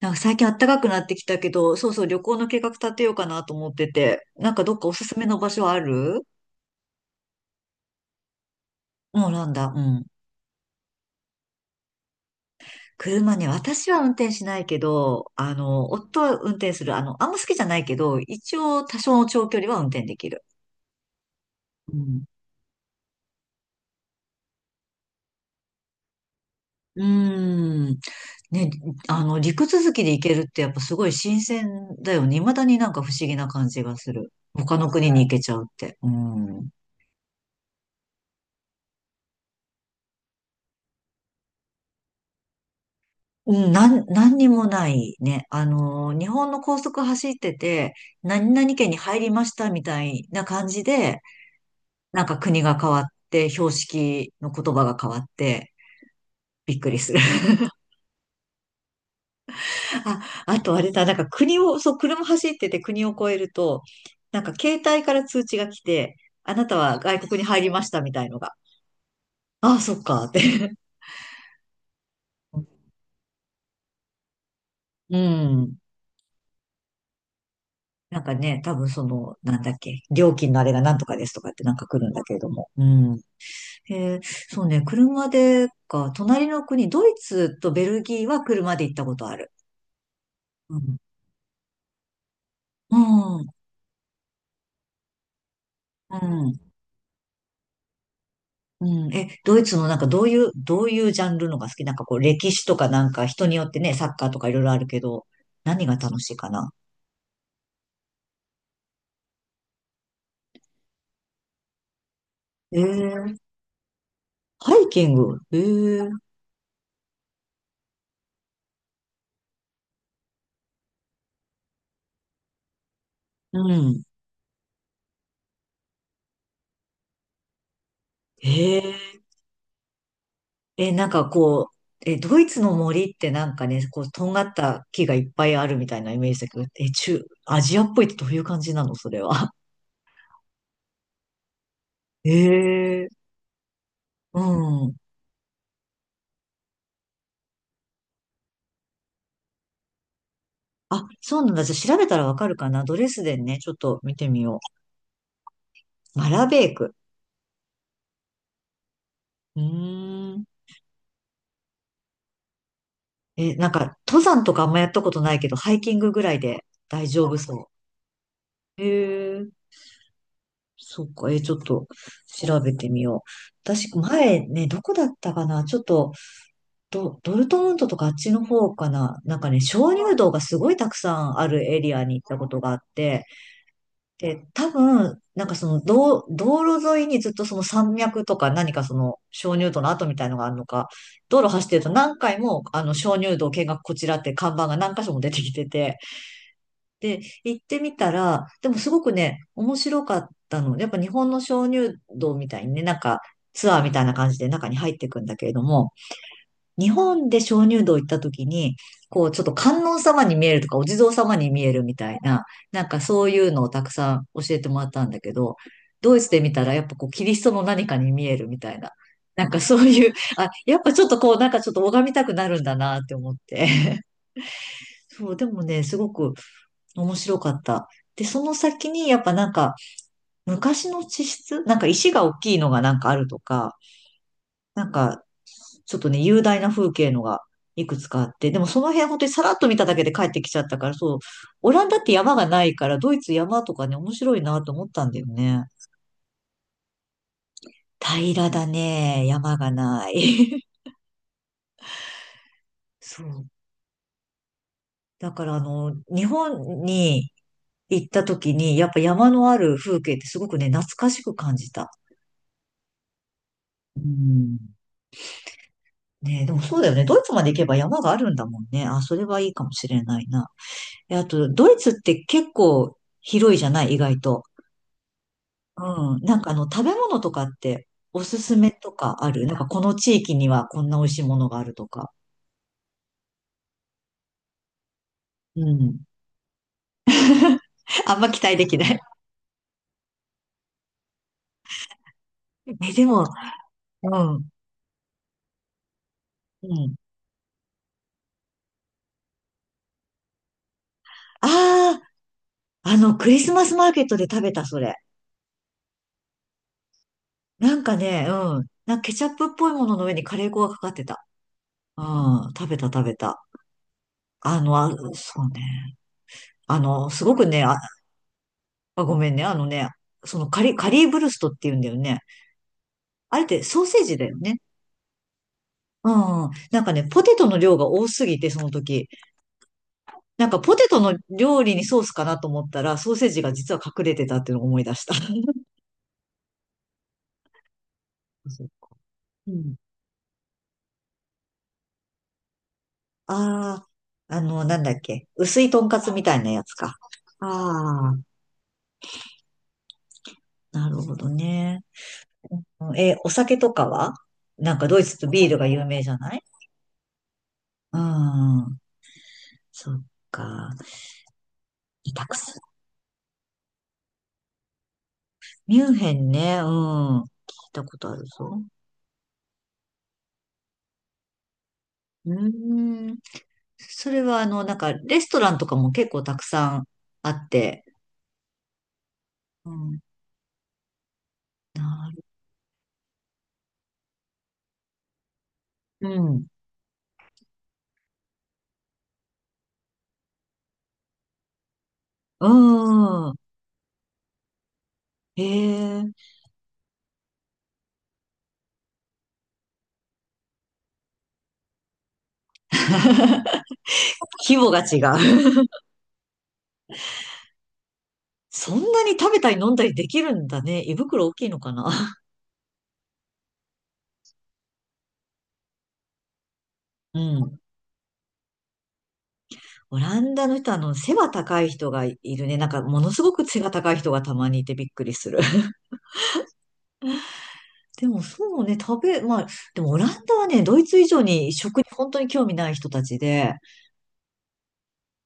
最近暖かくなってきたけど、そうそう、旅行の計画立てようかなと思ってて、どっかおすすめの場所ある？もうなんだ、うん。車ね、私は運転しないけど、夫は運転する。あんま好きじゃないけど、一応多少の長距離は運転できる。うん。うーん。ね、あの、陸続きで行けるってやっぱすごい新鮮だよね。未だに不思議な感じがする。他の国に行けちゃうって。うん。うん、何にもないね。日本の高速走ってて、何々県に入りましたみたいな感じで、国が変わって、標識の言葉が変わって、びっくりする。あ、あとあれだ、なんか国を、そう、車走ってて国を越えると、なんか携帯から通知が来て、あなたは外国に入りましたみたいのが。ああ、そっか、って。うん。なんかね、多分その、なんだっけ、料金のあれがなんとかですとかってなんか来るんだけれども。うん。えー、そうね、車でか、隣の国、ドイツとベルギーは車で行ったことある。うん。うん。うん。うんえ、ドイツのどういう、どういうジャンルのが好きなんか、こう歴史とかなんか人によってね、サッカーとかいろいろあるけど、何が楽しいかな？えー、ハイキング？うん。えー、え、なんかこう、え、ドイツの森ってなんかね、こう、とんがった木がいっぱいあるみたいなイメージだけど、アジアっぽいってどういう感じなのそれは。ええ、うん。あ、そうなんだ。じゃあ調べたらわかるかな。ドレスデンね、ちょっと見てみよう。マラベーク。うーん。え、なんか、登山とかあんまやったことないけど、ハイキングぐらいで大丈夫そう。ええ、そっか。え、ちょっと調べてみよう。私、前ね、どこだったかな。ちょっと、ドルトムントとかあっちの方かな。なんかね、鍾乳洞がすごいたくさんあるエリアに行ったことがあって、で、多分、その道、道路沿いにずっとその山脈とか何かその鍾乳洞の跡みたいのがあるのか、道路走ってると何回もあの鍾乳洞見学こちらって看板が何箇所も出てきてて、で、行ってみたら、でもすごくね、面白かったの。やっぱ日本の鍾乳洞みたいにね、ツアーみたいな感じで中に入っていくんだけれども、日本で鍾乳洞行った時に、こう、ちょっと観音様に見えるとか、お地蔵様に見えるみたいな、なんかそういうのをたくさん教えてもらったんだけど、ドイツで見たらやっぱこう、キリストの何かに見えるみたいな。なんかそういう、あ、やっぱちょっとこう、なんかちょっと拝みたくなるんだなって思って。そう、でもね、すごく面白かった。で、その先にやっぱなんか、昔の地質、なんか石が大きいのがなんかあるとか、なんか、ちょっとね、雄大な風景のがいくつかあって、でもその辺本当にさらっと見ただけで帰ってきちゃったから、そう、オランダって山がないから、ドイツ山とかね、面白いなと思ったんだよね。平らだね、山がない。そう。だから、あの、日本に行った時に、やっぱ山のある風景ってすごくね、懐かしく感じた。うん。ねえ、でもそうだよね。ドイツまで行けば山があるんだもんね。あ、それはいいかもしれないな。であと、ドイツって結構広いじゃない意外と。うん。なんか、あの、食べ物とかっておすすめとかある？なんかこの地域にはこんな美味しいものがあるとか。うん。あんま期待できない。え、でも、うん。うん。ああ、あの、クリスマスマーケットで食べた、それ。なんかね、うん。なんかケチャップっぽいものの上にカレー粉がかかってた。うん。食べた、食べた。あの、あ、そうね。あの、すごくね、あ、あごめんね。あのね、カリーブルストって言うんだよね。あれってソーセージだよね。うん、なんかね、ポテトの量が多すぎて、その時。なんかポテトの料理にソースかなと思ったら、ソーセージが実は隠れてたっていうのを思い出した。そう、うん。ああ、あの、なんだっけ。薄いとんかつみたいなやつか。ああ、なるほどね。うんえ、お酒とかは、なんかドイツってビールが有名じゃない？うん。そっか。イタクス。ミュンヘンね。うん。聞いたことあるぞ。うーん。それは、あの、なんかレストランとかも結構たくさんあって、うん、なる、うん、うん、へえ。 規模が違う。そんなに食べたり飲んだりできるんだね。胃袋大きいのかな。うん。オランダの人、あの、背が高い人がいるね。なんか、ものすごく背が高い人がたまにいてびっくりする。でも、そうね、まあ、でもオランダはね、ドイツ以上に食に本当に興味ない人たちで、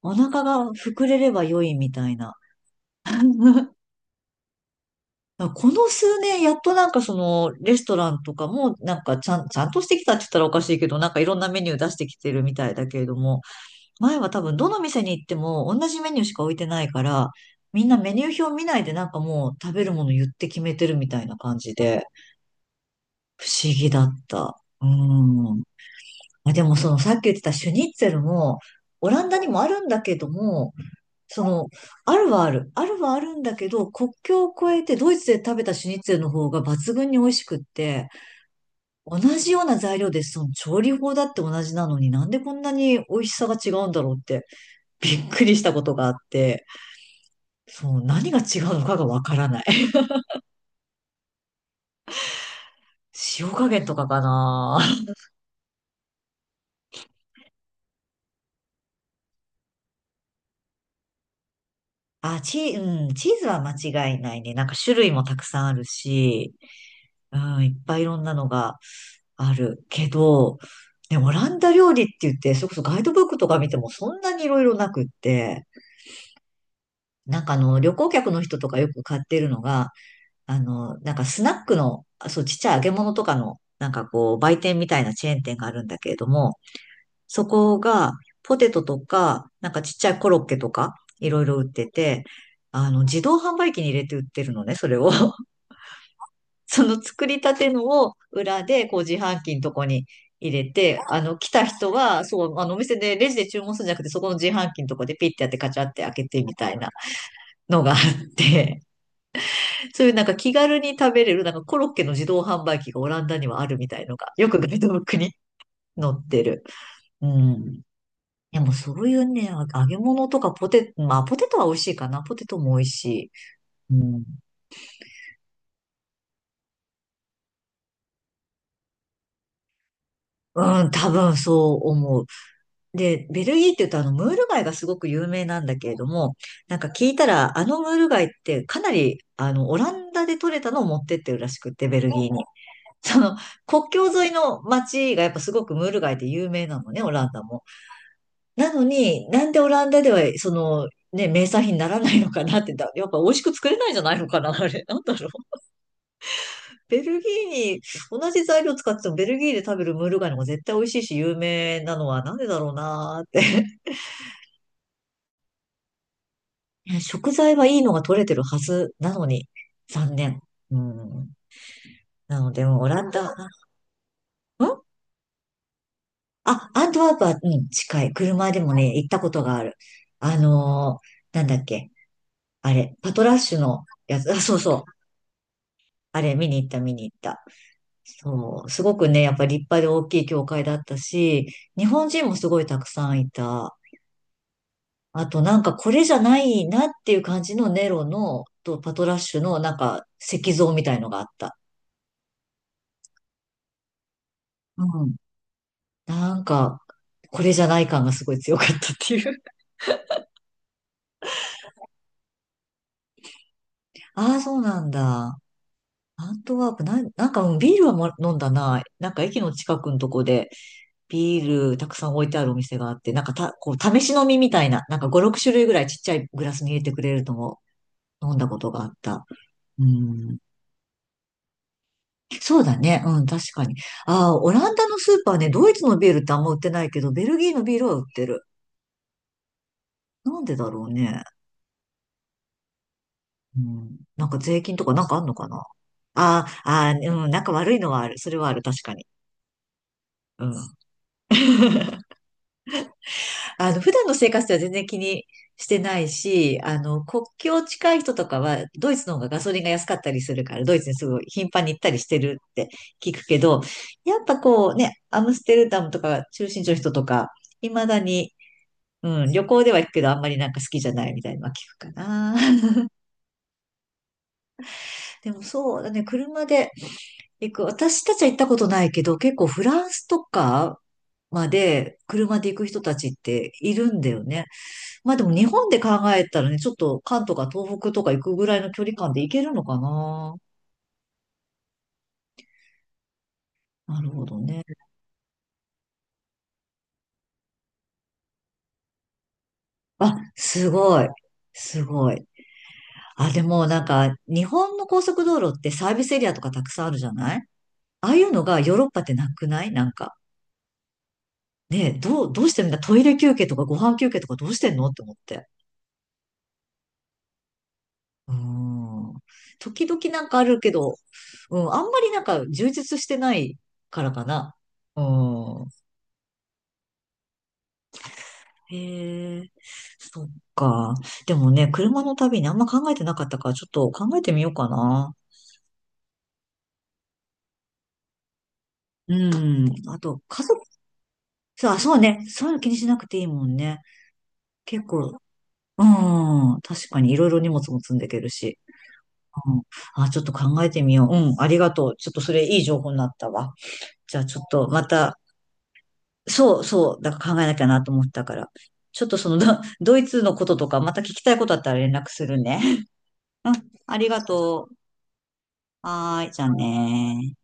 お腹が膨れれば良いみたいな。あ、この数年、やっとその、レストランとかも、ちゃんとしてきたって言ったらおかしいけど、なんかいろんなメニュー出してきてるみたいだけれども、前は多分どの店に行っても同じメニューしか置いてないから、みんなメニュー表見ないでなんかもう食べるもの言って決めてるみたいな感じで、不思議だった。うん。まあ、でもそのさっき言ってたシュニッツェルも、オランダにもあるんだけども、その、あるはある。あるはあるんだけど、国境を越えてドイツで食べたシュニッツェルの方が抜群に美味しくって、同じような材料で、その調理法だって同じなのになんでこんなに美味しさが違うんだろうって、びっくりしたことがあって、そう、何が違うのかがわからない。塩加減とかかな。あ、チー、うん、チーズは間違いないね。なんか種類もたくさんあるし、うん、いっぱいいろんなのがあるけど、ね、オランダ料理って言って、それこそガイドブックとか見てもそんなにいろいろなくって、なんかあの、旅行客の人とかよく買ってるのが、あの、なんかスナックの、あそう、ちっちゃい揚げ物とかの、なんかこう、売店みたいなチェーン店があるんだけれども、そこが、ポテトとか、なんかちっちゃいコロッケとか、いろいろ売ってて、あの、自動販売機に入れて売ってるのね、それを。その作りたてのを裏でこう自販機のとこに入れて、来た人は、そう、お店でレジで注文するんじゃなくて、そこの自販機のとこでピッてやってカチャって開けてみたいなのがあって、そういうなんか気軽に食べれる、なんかコロッケの自動販売機がオランダにはあるみたいのが、よくガイドブックに載ってる。うん。でもそういうね、揚げ物とかまあポテトは美味しいかな。ポテトも美味しい。うん。うん、多分そう思う。で、ベルギーって言うとムール貝がすごく有名なんだけれども、なんか聞いたらムール貝ってかなりオランダで取れたのを持ってってるらしくって、ベルギーに。その国境沿いの町がやっぱすごくムール貝で有名なのね、オランダも。なのになんでオランダでは名産品にならないのかなってやっぱ美味しく作れないんじゃないのかな、あれ。なんだろう。ベルギーに同じ材料使っててもベルギーで食べるムール貝の方が絶対美味しいし有名なのはなんでだろうなーって。ね、食材はいいのが取れてるはずなのに、残念。うん。なので、もうオランダ、あ、アントワープは、うん、近い。車でもね、行ったことがある。なんだっけ。あれ、パトラッシュのやつ、あ、そうそう。あれ、見に行った、見に行った。そう。すごくね、やっぱり立派で大きい教会だったし、日本人もすごいたくさんいた。あと、なんかこれじゃないなっていう感じのネロの、とパトラッシュの、なんか石像みたいのがあった。うん。なんか、これじゃない感がすごい強かったっていう。ああ、そうなんだ。アントワープ、なんか、うんビールはも飲んだな。なんか駅の近くのとこで、ビールたくさん置いてあるお店があって、なんかた、こう、試し飲みみたいな、なんか5、6種類ぐらいちっちゃいグラスに入れてくれるのも飲んだことがあった。うん。そうだね。うん、確かに。ああ、オランダのスーパーね、ドイツのビールってあんま売ってないけど、ベルギーのビールは売ってる。なんでだろうね。うん、なんか税金とかなんかあんのかな。ああ、あうん、なんか悪いのはある。それはある、確かに。うん。普段の生活では全然気にしてないし、国境近い人とかは、ドイツの方がガソリンが安かったりするから、ドイツにすごい頻繁に行ったりしてるって聞くけど、やっぱこうね、アムステルダムとか中心地の人とか、未だに、うん、旅行では行くけど、あんまりなんか好きじゃないみたいなのは聞くかな。でもそうだね、車で、行く。私たちは行ったことないけど、結構フランスとかまで車で行く人たちっているんだよね。まあでも日本で考えたらね、ちょっと関東か東北とか行くぐらいの距離感で行けるのかな。なるほどね。あ、すごい。すごい。あ、でもなんか日本の高速道路ってサービスエリアとかたくさんあるじゃない。ああいうのがヨーロッパってなくないなんか。ねえ、どうしてんだ、トイレ休憩とかご飯休憩とかどうしてんのって思って。うん。時々なんかあるけど、うん、あんまりなんか充実してないからかな。うん。へえ、そっか。でもね、車の旅にあんま考えてなかったから、ちょっと考えてみようかな。うん。あと、家族、あ、そうね。そういうの気にしなくていいもんね。結構、うん。確かにいろいろ荷物も積んでいけるし。うん。あ、ちょっと考えてみよう。うん。ありがとう。ちょっとそれいい情報になったわ。じゃあちょっとまた、そうそう、だから考えなきゃなと思ったから。ちょっとそのド、ドイツのこととか、また聞きたいことあったら連絡するね。うん、ありがとう。はーい、じゃあねー。